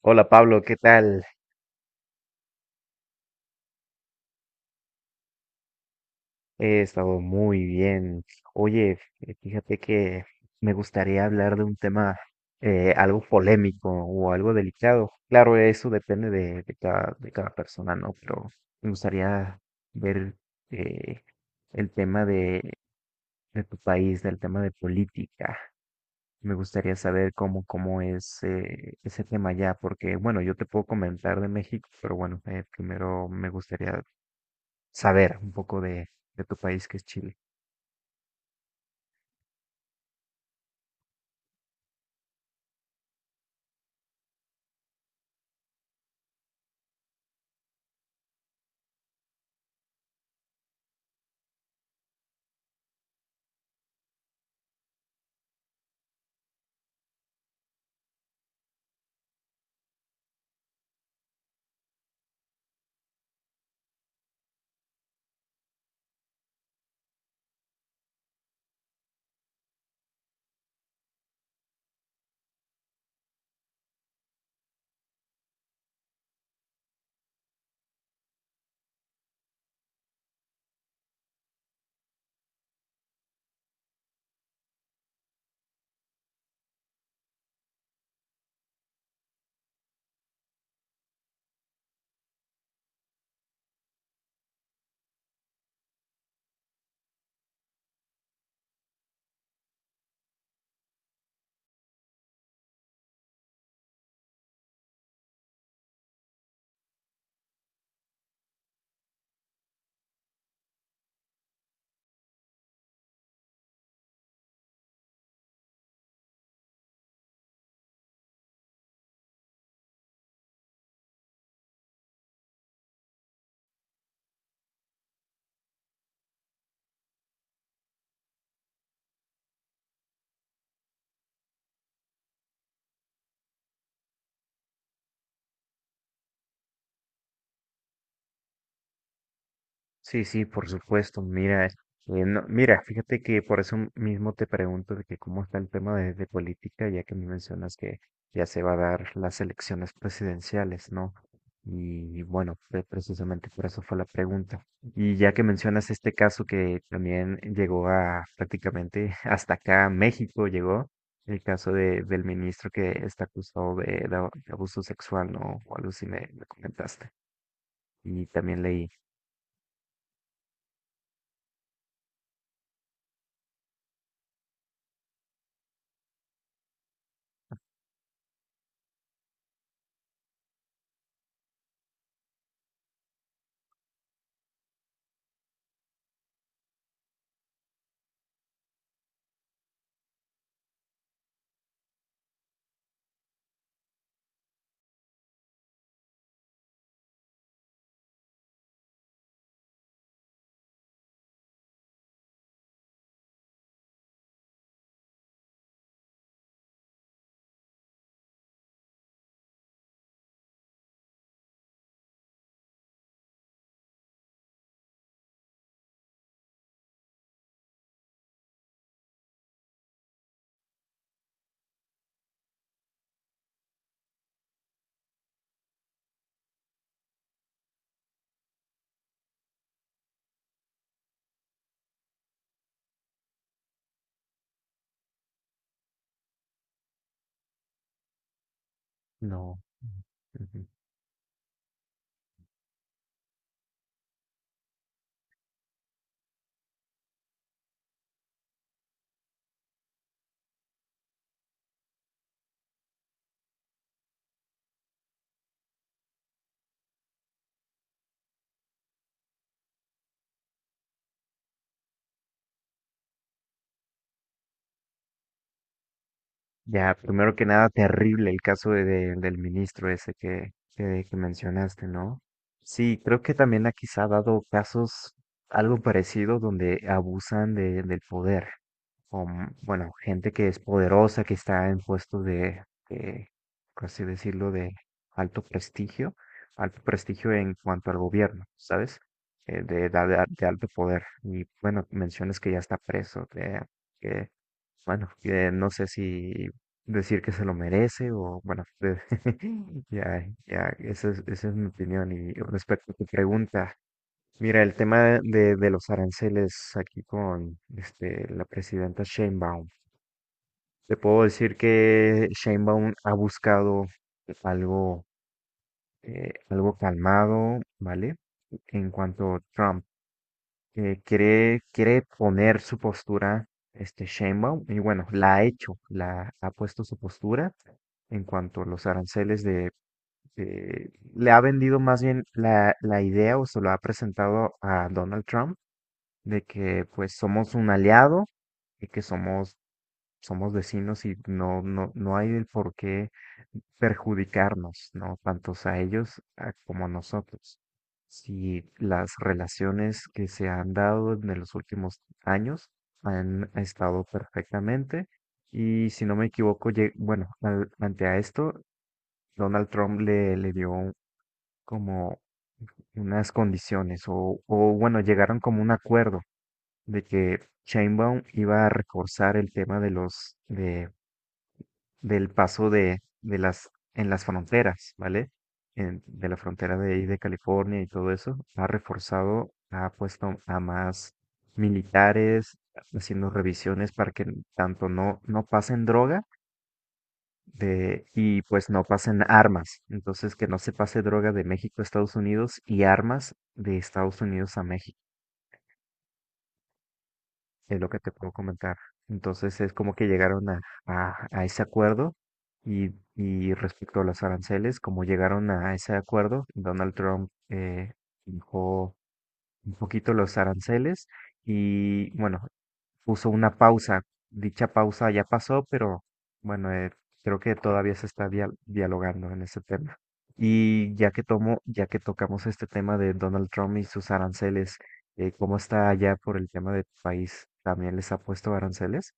Hola Pablo, ¿qué tal? He estado muy bien. Oye, fíjate que me gustaría hablar de un tema algo polémico o algo delicado. Claro, eso depende de cada persona, ¿no? Pero me gustaría ver, eh, el tema de tu país, del tema de política. Me gustaría saber cómo es ese tema allá, porque bueno, yo te puedo comentar de México, pero bueno, primero me gustaría saber un poco de tu país que es Chile. Sí, sí, por supuesto. Mira, mira, fíjate que por eso mismo te pregunto de que cómo está el tema de política, ya que me mencionas que ya se va a dar las elecciones presidenciales, ¿no? Y bueno, precisamente por eso fue la pregunta. Y ya que mencionas este caso que también llegó a prácticamente hasta acá, a México llegó, el caso del ministro que está acusado de abuso sexual, ¿no? O algo así me comentaste. Y también leí. No. Ujú. Ya, primero que nada, terrible el caso de, del ministro ese que mencionaste, ¿no? Sí, creo que también aquí se ha dado casos algo parecido donde abusan de, del poder. Con, bueno, gente que es poderosa, que está en puestos de, por así decirlo, de alto prestigio, alto prestigio en cuanto al gobierno, ¿sabes? De alto poder. Y bueno, mencionas que ya está preso, que bueno, que no sé si decir que se lo merece o bueno, ya, ya, esa es mi opinión. Y respecto a tu pregunta, mira, el tema de los aranceles aquí con este, la presidenta Sheinbaum, te puedo decir que Sheinbaum ha buscado algo, algo calmado, ¿vale? En cuanto a Trump, quiere poner su postura, este Sheinbaum, y bueno, la ha hecho, la ha puesto su postura en cuanto a los aranceles de, le ha vendido más bien la idea o se lo ha presentado a Donald Trump de que pues somos un aliado y que somos, somos vecinos y no hay el por qué perjudicarnos, ¿no? Tantos a ellos como a nosotros. Si las relaciones que se han dado en los últimos años han estado perfectamente y si no me equivoco, bueno, ante a esto, Donald Trump le dio como unas condiciones o bueno, llegaron como un acuerdo de que Sheinbaum iba a reforzar el tema de los de del paso de las fronteras, ¿vale? De la frontera de ahí de California y todo eso, ha reforzado, ha puesto a más militares haciendo revisiones para que tanto no pasen droga de, y pues no pasen armas. Entonces, que no se pase droga de México a Estados Unidos y armas de Estados Unidos a México, es lo que te puedo comentar. Entonces, es como que llegaron a ese acuerdo y respecto a los aranceles, como llegaron a ese acuerdo, Donald Trump dijo un poquito los aranceles y bueno, puso una pausa. Dicha pausa ya pasó, pero bueno, creo que todavía se está dialogando en ese tema. Y ya que tomo, ya que tocamos este tema de Donald Trump y sus aranceles, ¿cómo está allá por el tema de tu país? ¿También les ha puesto aranceles?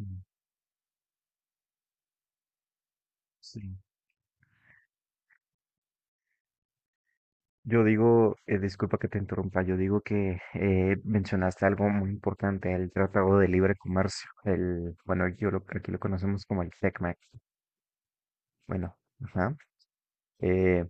Mm, Sí. Yo digo, disculpa que te interrumpa, yo digo que mencionaste algo muy importante, el Tratado de Libre Comercio, el, bueno, yo lo, aquí lo conocemos como el TECMEC, bueno, ajá. eh,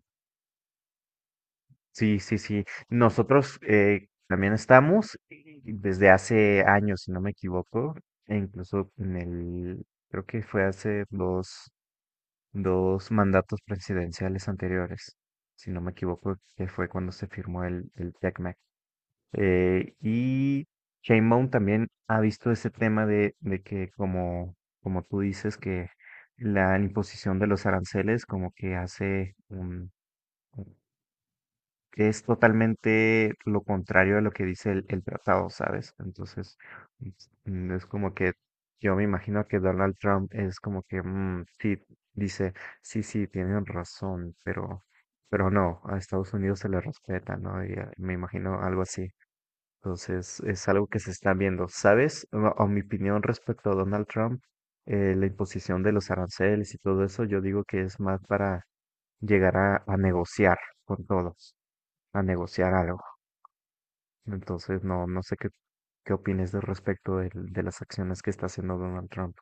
sí, sí, sí, nosotros también estamos, desde hace años, si no me equivoco, e incluso en el, creo que fue hace dos, dos mandatos presidenciales anteriores, si no me equivoco, que fue cuando se firmó el TECMEC. Y Sheinbaum también ha visto ese tema de que, como, como tú dices, que la imposición de los aranceles como que hace un, un- que es totalmente lo contrario a lo que dice el tratado, ¿sabes? Entonces, es es como que yo me imagino que Donald Trump es como que, mm, sí, dice, sí, sí, tienen razón, pero no, a Estados Unidos se le respeta, ¿no? Y, me imagino algo así. Entonces, es algo que se está viendo. ¿Sabes? No, a mi opinión respecto a Donald Trump, la imposición de los aranceles y todo eso, yo digo que es más para llegar a negociar con todos, a negociar algo. Entonces, no, no sé qué, qué opines de respecto de las acciones que está haciendo Donald Trump.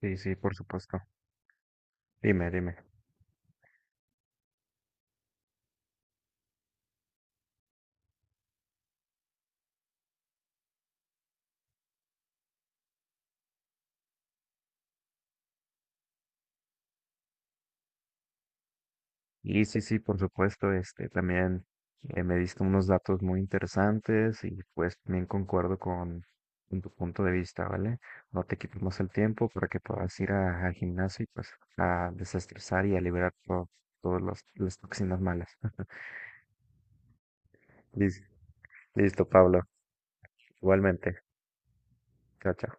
Sí, sí, por supuesto. Dime, dime. Y sí, sí, por supuesto, este también me diste unos datos muy interesantes y pues también concuerdo con tu punto de vista, ¿vale? No te quito más el tiempo para que puedas ir al gimnasio y pues a desestresar y a liberar todas las toxinas malas. Lis- Listo, Pablo. Igualmente. Chao, chao.